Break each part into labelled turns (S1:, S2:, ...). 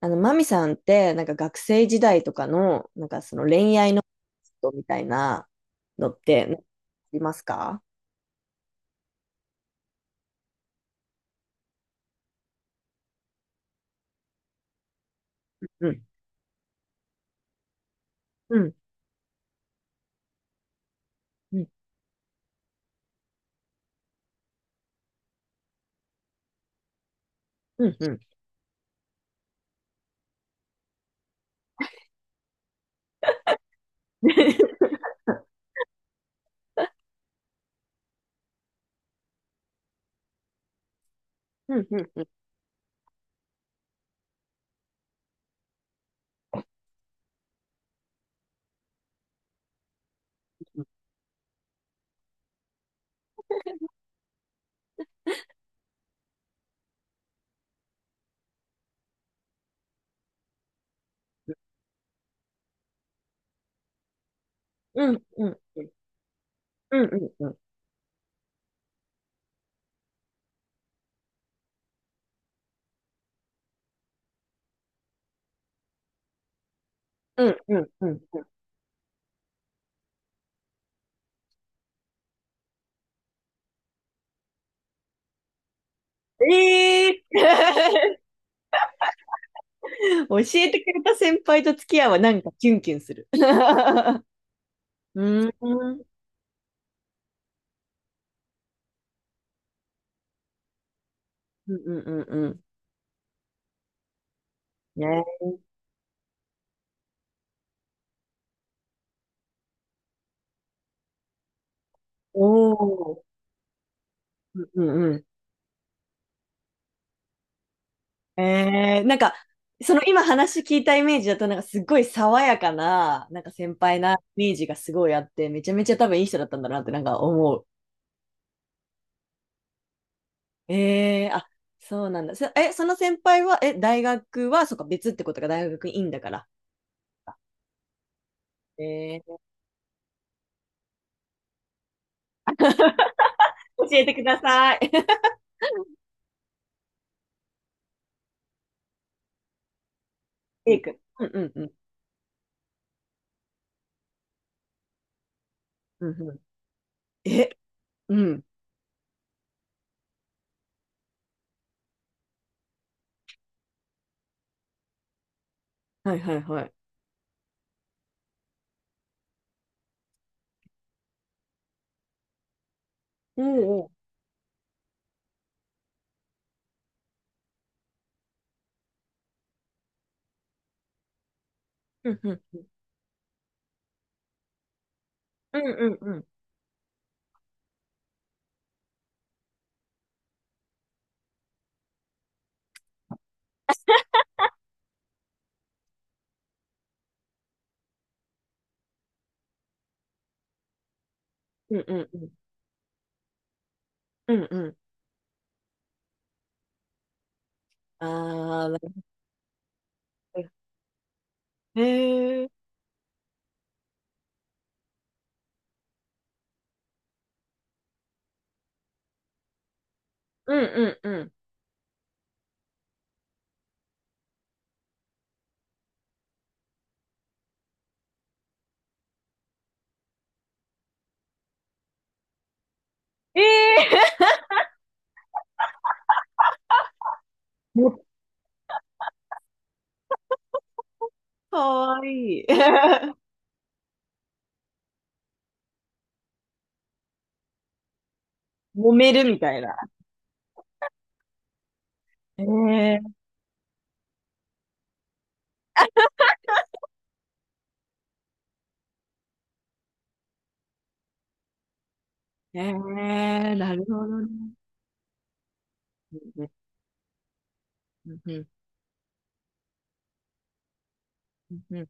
S1: マミさんって、なんか学生時代とかの、なんかその恋愛のことみたいなのって、ありますか？うん。うん。うん。うん。うん。うん。うん。うん。うん。うん。うん。うん。うん。うん。ええー。教えてくれた先輩と付き合うはなんかキュンキュンする。うん。うん。うん。うん。ね。おお。うん。うん。なんか、その今話聞いたイメージだと、なんかすっごい爽やかな、なんか先輩なイメージがすごいあって、めちゃめちゃ多分いい人だったんだなってなんか思う。あ、そうなんだ。その先輩は、大学は、そっか、別ってことが大学院だから。えー、教えてください。えイ君。うんうんうん。うんうん。え、うん。はいはいはい。おうおう。うんうん。うんうんうん。うんうんうん。うんうん。あー、なるほど。えー、うんうんうん。えー、もっかわいい。揉めるみたいな。ええええ、なるほどね。うんうんうんうん。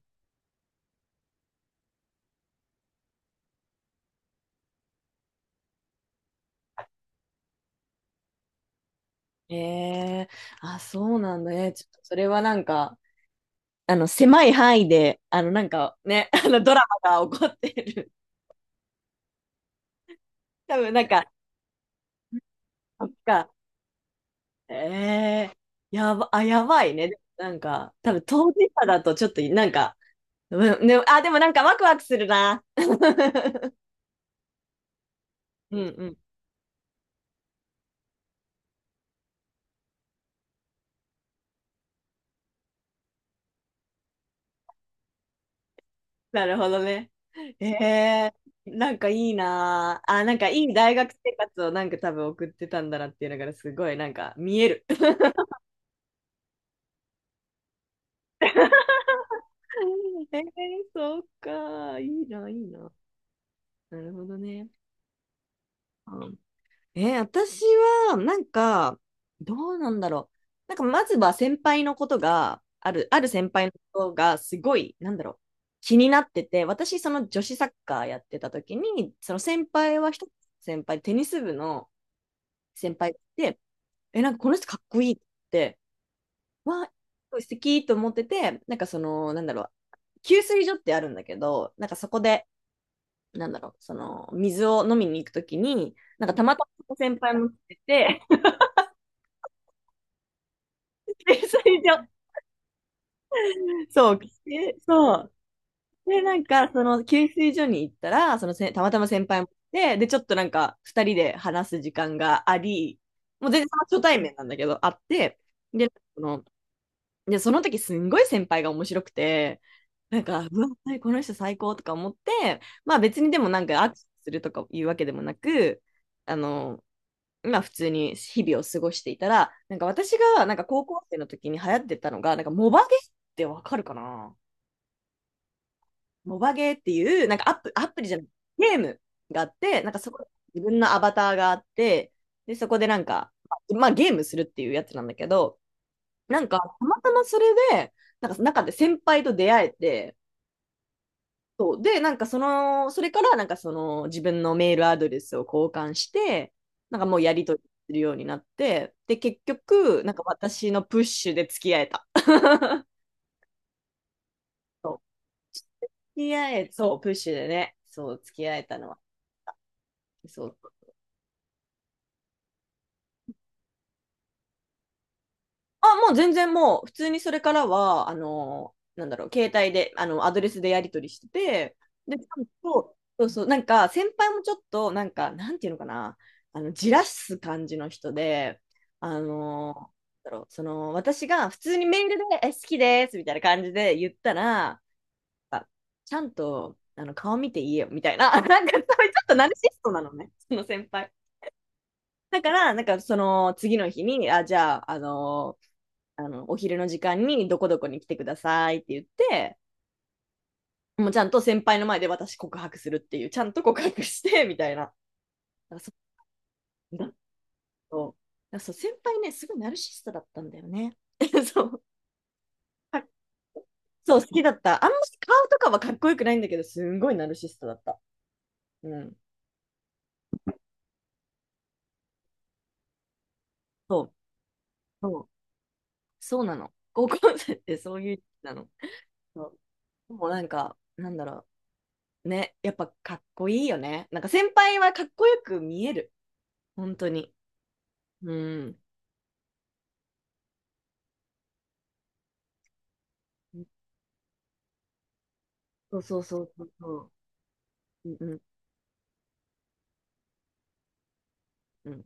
S1: ええ。あ、そうなんだね。ちょっとそれはなんか、狭い範囲で、なんかね、ドラマが起こってる。多分なんか、そっか。ええ。やば、あ、やばいね。なんか、多分当事者だとちょっと、なんか、うん、ね、あ、でもなんかワクワクするな。うんうん。なるほどね。ええ、なんかいいなあ。あ、なんかいい大学生活をなんか多分送ってたんだなっていうのがすごいなんか見える。ええ、そうか。いいな、いいな。なるほどね。うん。私はなんか、どうなんだろう。なんかまずは先輩のことが、ある先輩のことがすごい、なんだろう。気になってて、私その女子サッカーやってた時に、その先輩は一つ先輩、テニス部の先輩でなんかこの人かっこいいって、わあ、素敵と思ってて、なんかその、なんだろう、給水所ってあるんだけど、なんかそこで、なんだろう、その、水を飲みに行くときに、なんかたまたま先輩も来てて、給水所、そう、来てそう。で、なんか、その、給水所に行ったら、そのせ、たまたま先輩も来て、で、ちょっとなんか、二人で話す時間があり、もう全然その初対面なんだけど、あって、で、その、で、その時すんごい先輩が面白くて、なんか、うわ、この人最高とか思って、まあ別にでもなんか握手するとかいうわけでもなく、あの、まあ普通に日々を過ごしていたら、なんか私がなんか高校生の時に流行ってたのが、なんかモバゲーってわかるかな？モバゲーっていう、なんかアプリじゃない、ゲームがあって、なんかそこに自分のアバターがあって、で、そこでなんか、まあゲームするっていうやつなんだけど、なんか、たまたまそれで、なんか中で先輩と出会えて、そう。で、なんかその、それからなんかその自分のメールアドレスを交換して、なんかもうやり取りするようになって、で、結局、なんか私のプッシュで付き合えた。そう。付き合え、そう、プッシュでね、そう、付き合えたのは。そう。あ、もう全然もう、普通にそれからは、なんだろう、携帯で、アドレスでやり取りしてて、で、ちゃんと、そうそう、なんか、先輩もちょっと、なんか、なんていうのかな、じらす感じの人で、あの、なんだろう、その、私が普通にメールで、え、好きです、みたいな感じで言ったら、あちゃんと、顔見て言えよ、みたいな、なんか、そういうちょっとナルシストなのね、その先輩。だから、なんかその次の日に、あ、じゃあ、お昼の時間にどこどこに来てくださいって言って、もうちゃんと先輩の前で私告白するっていう、ちゃんと告白して みたいな。だ、そうだ。そう、先輩ねすごいナルシストだったんだよね。 そう、そう好きだった。あんまし顔とかはかっこよくないんだけどすんごいナルシストだった。うん。そうそう、そうなの、高校生ってそういうなの。そう。でもなんかなんだろうね、やっぱかっこいいよね。なんか先輩はかっこよく見える、本当に。うんそうそうそうそうそう。うんうんうん。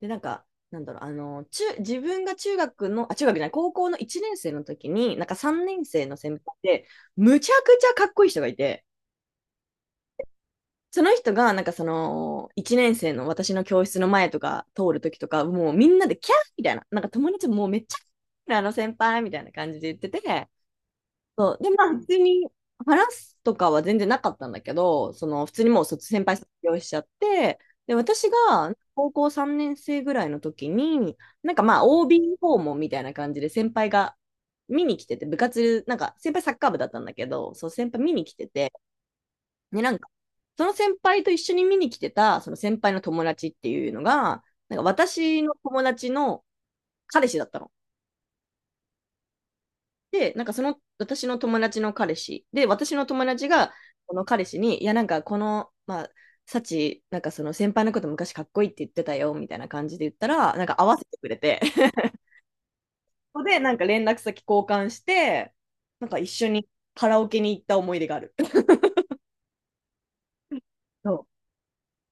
S1: で、なんか、なんだろう、自分が中学の、あ、中学じゃない、高校の1年生の時に、なんか3年生の先輩で、むちゃくちゃかっこいい人がいて、その人が、なんかその、1年生の私の教室の前とか通る時とか、もうみんなでキャーみたいな、なんか友達ももうめっちゃ、あの先輩みたいな感じで言ってて、そう。で、まあ、普通に話すとかは全然なかったんだけど、その、普通にもう先輩卒業しちゃって、で、私が高校3年生ぐらいの時に、なんかまあ、OB 訪問みたいな感じで先輩が見に来てて、部活、なんか先輩サッカー部だったんだけど、そう、先輩見に来てて、で、なんか、その先輩と一緒に見に来てた、その先輩の友達っていうのが、なんか私の友達の彼氏だったの。で、なんかその私の友達の彼氏で、私の友達がこの彼氏に、いや、なんかこの、まあ、サチ、なんかその先輩のこと昔かっこいいって言ってたよみたいな感じで言ったら、なんか合わせてくれて、そこでなんか連絡先交換して、なんか一緒にカラオケに行った思い出がある。そう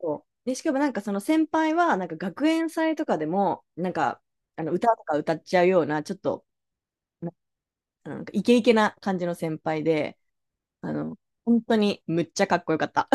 S1: そう。で、しかもなんかその先輩は、なんか学園祭とかでも、なんかあの歌とか歌っちゃうような、ちょっと、ななんかイケイケな感じの先輩で、あの、本当にむっちゃかっこよかった。